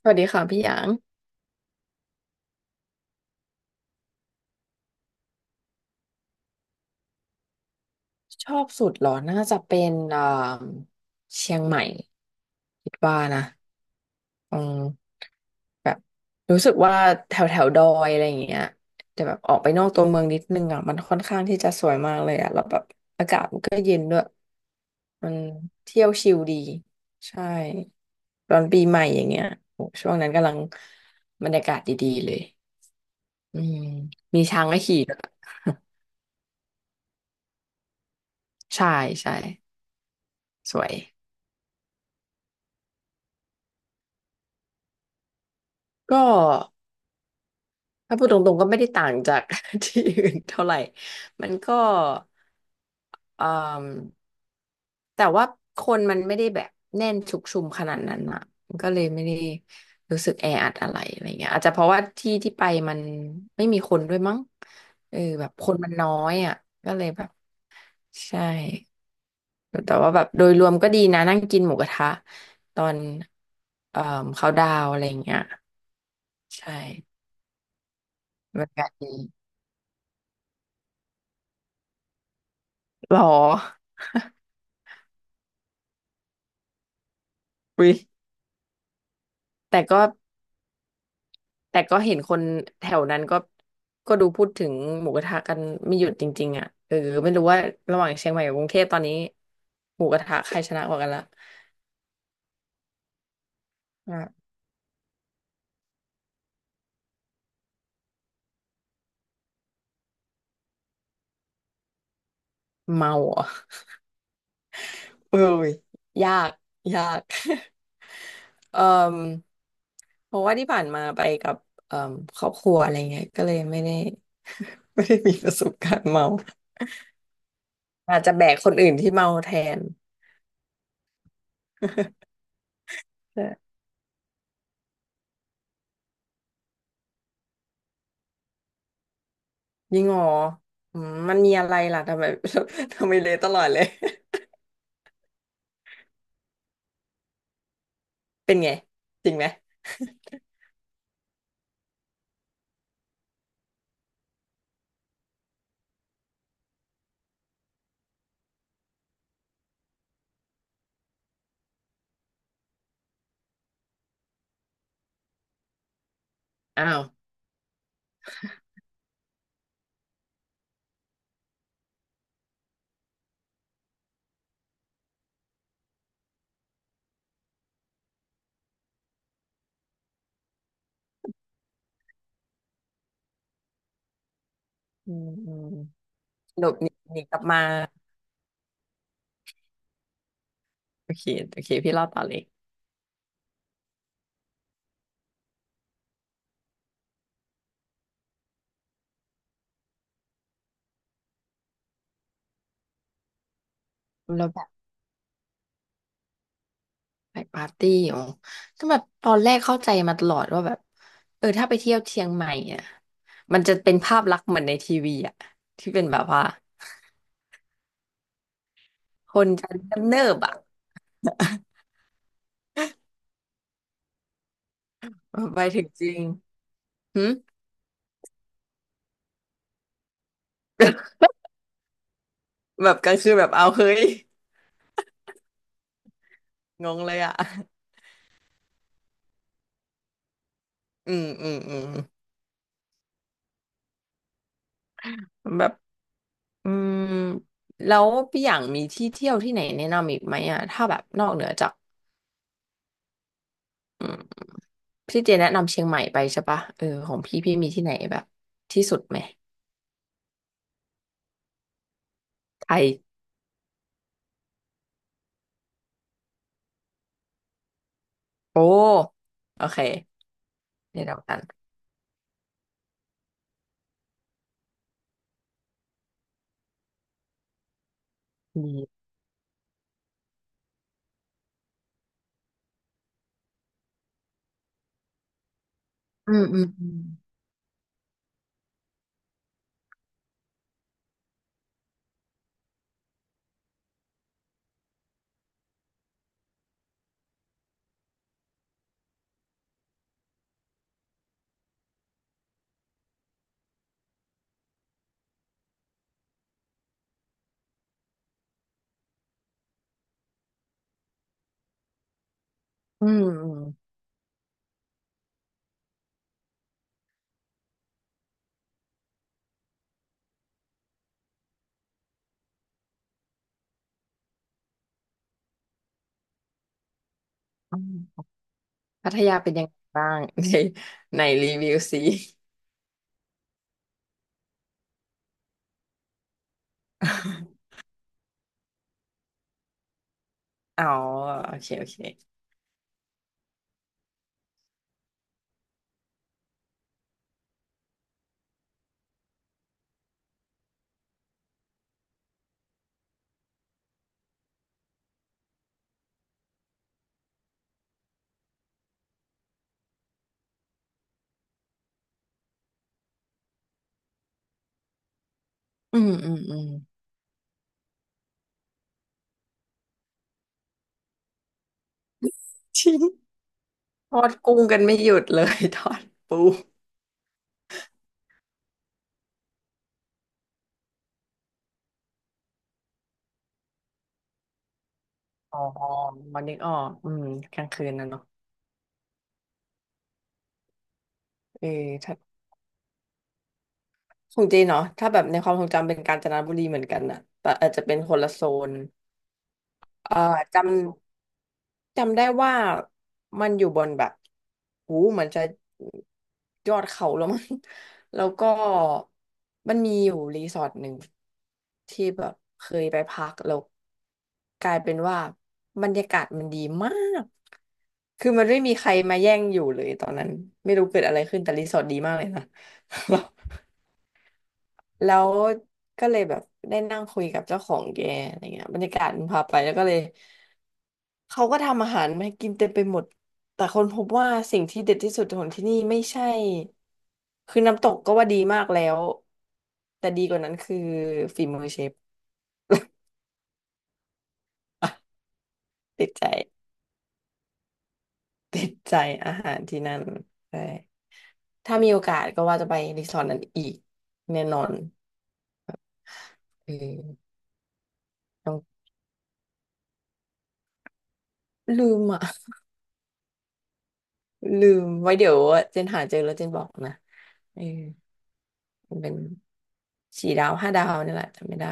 สวัสดีค่ะพี่หยางชอบสุดเหรอน่าจะเป็นเชียงใหม่คิดว่านะอืมแบบรู้สึกว่าแถวแถวดอยอะไรอย่างเงี้ยแต่แบบออกไปนอกตัวเมืองนิดนึงอ่ะมันค่อนข้างที่จะสวยมากเลยอ่ะแล้วแบบมันเที่ยวชิลดีใช่ตอนปีใหม่อย่างเงี้ยโหช่วงนั้นกำลังบรรยากาศดีๆเลยอืมมีช้างให้ขี่ด้วยใช่ใช่สวยก็ ถ้าพูดตรงๆก็ไม่ได้ต่างจาก ที่อื่นเท่าไหร่ มันก็เอ่มแต่ว่าคนมันไม่ได้แบบแน่นชุกชุมขนาดนั้นอ่ะมันก็เลยไม่ได้รู้สึกแออัดอะไรอะไรเงี้ยอาจจะเพราะว่าที่ที่ไปมันไม่มีคนด้วยมั้งเออแบบคนมันน้อยอ่ะก็เลยแบบใช่แต่ว่าแบบโดยรวมก็ดีนะนั่งกินหมูกระทะตอนเอ่อเขาดาวน์อะไรเงี้ยใช่บรรยากาศดีหรออุ๊ย แต่ก็แต่ก็เห็นคนแถวนั้นก็ก็ดูพูดถึงหมูกระทะกันไม่หยุดจริงๆอ่ะเออไม่รู้ว่าระหว่างเชียงใหม่กับกรุงเทพตอนนี้หมูกระทะใครชนะกว่ากันละอ่ะเมาเหรอ่ะเอ้ยยากยาก เอ่อเพราะว่าที่ผ่านมาไปกับเอ่อครอบครัวอะไรเงี้ยก็เลยไม่ได้มีประสบการณ์เมาอาจจะแบกคนอื่นที่เมาแทนใช่ยิ่งอ๋ออืมมันมีอะไรล่ะทำไม ทำไมเลยตลอดเลย เป็นไงจริงไหม อ้าวอืมหลบหนีกลับมาโอเคโอเคพี่เล่าต่อเลยแล้วแบบไปปาร์ตี้อ๋อก็แบบตอนแรกเข้าใจมาตลอดว่าแบบเออถ้าไปเที่ยวเชียงใหม่อ่ะมันจะเป็นภาพลักษณ์เหมือนในทีวีอ่ะที่เป็นแบบว่าคนจะเนิบๆอ่ะไปถึงจริงหึแบบกลางคืนแบบเอาเฮ้ยงงเลยอ่ะอืมแบบอืมแล้วพี่อย่างมีที่เที่ยวที่ไหนแนะนำอีกไหมอ่ะถ้าแบบนอกเหนือจาก พี่เจแนะนำเชียงใหม่ไปใช่ปะเออของพี่มีที่ไหนแบบที่สุดไหมไทยโอ้โอเคเดี๋ยวเดียวกันดีอืมอืมอืมอืมอืมอืมพัทยาเป็นยังไงบ้างใน ในรีวิวสิ อ๋อโอเคโอเคอืมจริงทอดกุ้งกันไม่หยุดเลย ทอดปูอ๋อนึกออกอืมกลางคืนนะเนาะเออ ของจีนเนาะถ้าแบบในความทรงจำเป็นกาญจนบุรีเหมือนกันน่ะแต่อาจจะเป็นคนละโซนเอ่อจำจำได้ว่ามันอยู่บนแบบหูเหมือนจะยอดเขาแล้วมั้ง แล้วก็มันมีอยู่รีสอร์ทหนึ่งที่แบบเคยไปพักแล้วกลายเป็นว่าบรรยากาศมันดีมากคือมันไม่มีใครมาแย่งอยู่เลยตอนนั้นไม่รู้เกิดอะไรขึ้นแต่รีสอร์ทดีมากเลยนะ แล้วก็เลยแบบได้นั่งคุยกับเจ้าของแกอะไรเงี้ยบรรยากาศมันพาไปแล้วก็เลยเขาก็ทำอาหารมาให้กินเต็มไปหมดแต่คนพบว่าสิ่งที่เด็ดที่สุดของที่นี่ไม่ใช่คือน้ำตกก็ว่าดีมากแล้วแต่ดีกว่านั้นคือฝีมือเชฟติดใจติดใจอาหารที่นั่นใช่ถ้ามีโอกาสก็ว่าจะไปรีสอร์ทนั้นอีกแน่นอนเออต้องลืมอ่ะลืมไว้เดี๋ยวเจนหาเจอแล้วเจนบอกนะเออ มันเป็นสี่ดาวห้าดาวนี่แหละจำไม่ได้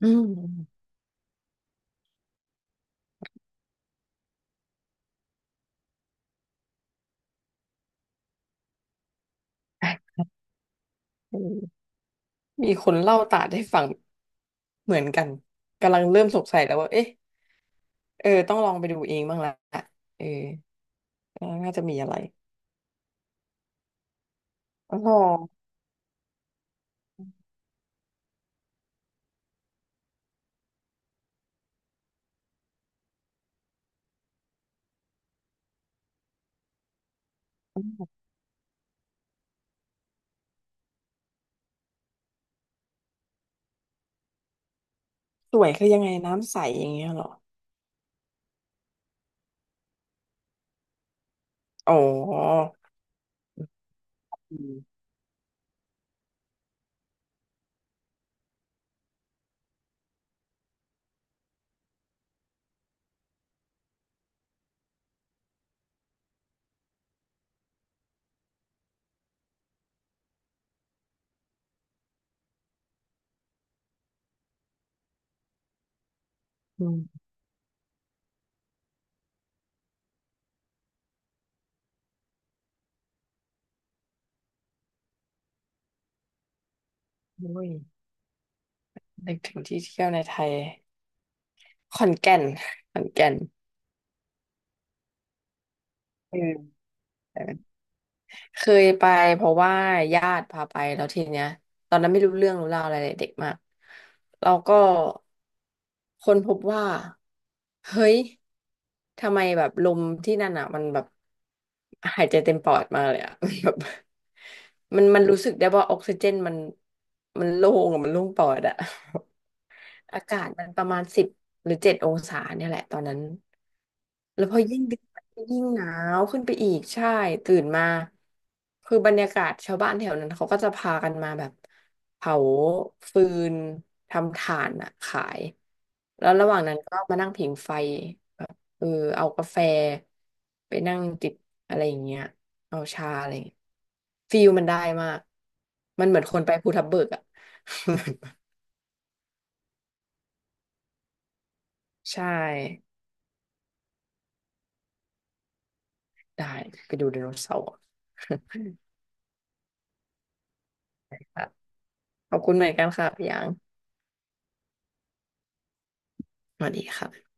อืมอืมมีคนเล่าตาดให้ฟังเหมือนกันกำลังเริ่มสงสัยแล้วว่าเอ๊ะเออต้องลองไปดูเองบ้างละเออน่าจะมีอะไรอ๋อสวยคือยังไงน้ำใสอย่างเงี้ยเหรออ๋ออืมอืมโอ้ยนึกถึงที่เที่ยวในไทยขอนแก่นขอนแก่นเออ เคยไปเพราะว่าญาติพาไปแล้วทีเนี้ยตอนนั้นไม่รู้เรื่องรู้ราวอะไรเลยเด็กมากเราก็ค้นพบว่าเฮ้ยทำไมแบบลมที่นั่นอ่ะมันแบบหายใจเต็มปอดมาเลยอ่ะ มันแบบมันรู้สึกได้ว่าออกซิเจนมันมันโล่งอะมันโล่งปอดอ่ะ อากาศมันประมาณ10หรือ7องศาเนี่ยแหละตอนนั้น แล้วพอยิ่งดึกก็ยิ่งหนาวขึ้นไปอีกใช่ตื่นมาคือบรรยากาศชาวบ้านแถวนั้นเขาก็จะพากันมาแบบเผาฟืนทำถ่านอะขายแล้วระหว่างนั้นก็มานั่งผิงไฟแบบเออเอากาแฟไปนั่งจิบอะไรอย่างเงี้ยเอาชาอะไรอย่างเงี้ยฟีลมันได้มากมันเหมือนคนไปภูทับเบิกอะ ใช่ ได้ไปดูไดโนเสาร์ ค่ะ ขอบคุณเหมือนกันค่ะพี่หยางสวัสดีค่ะ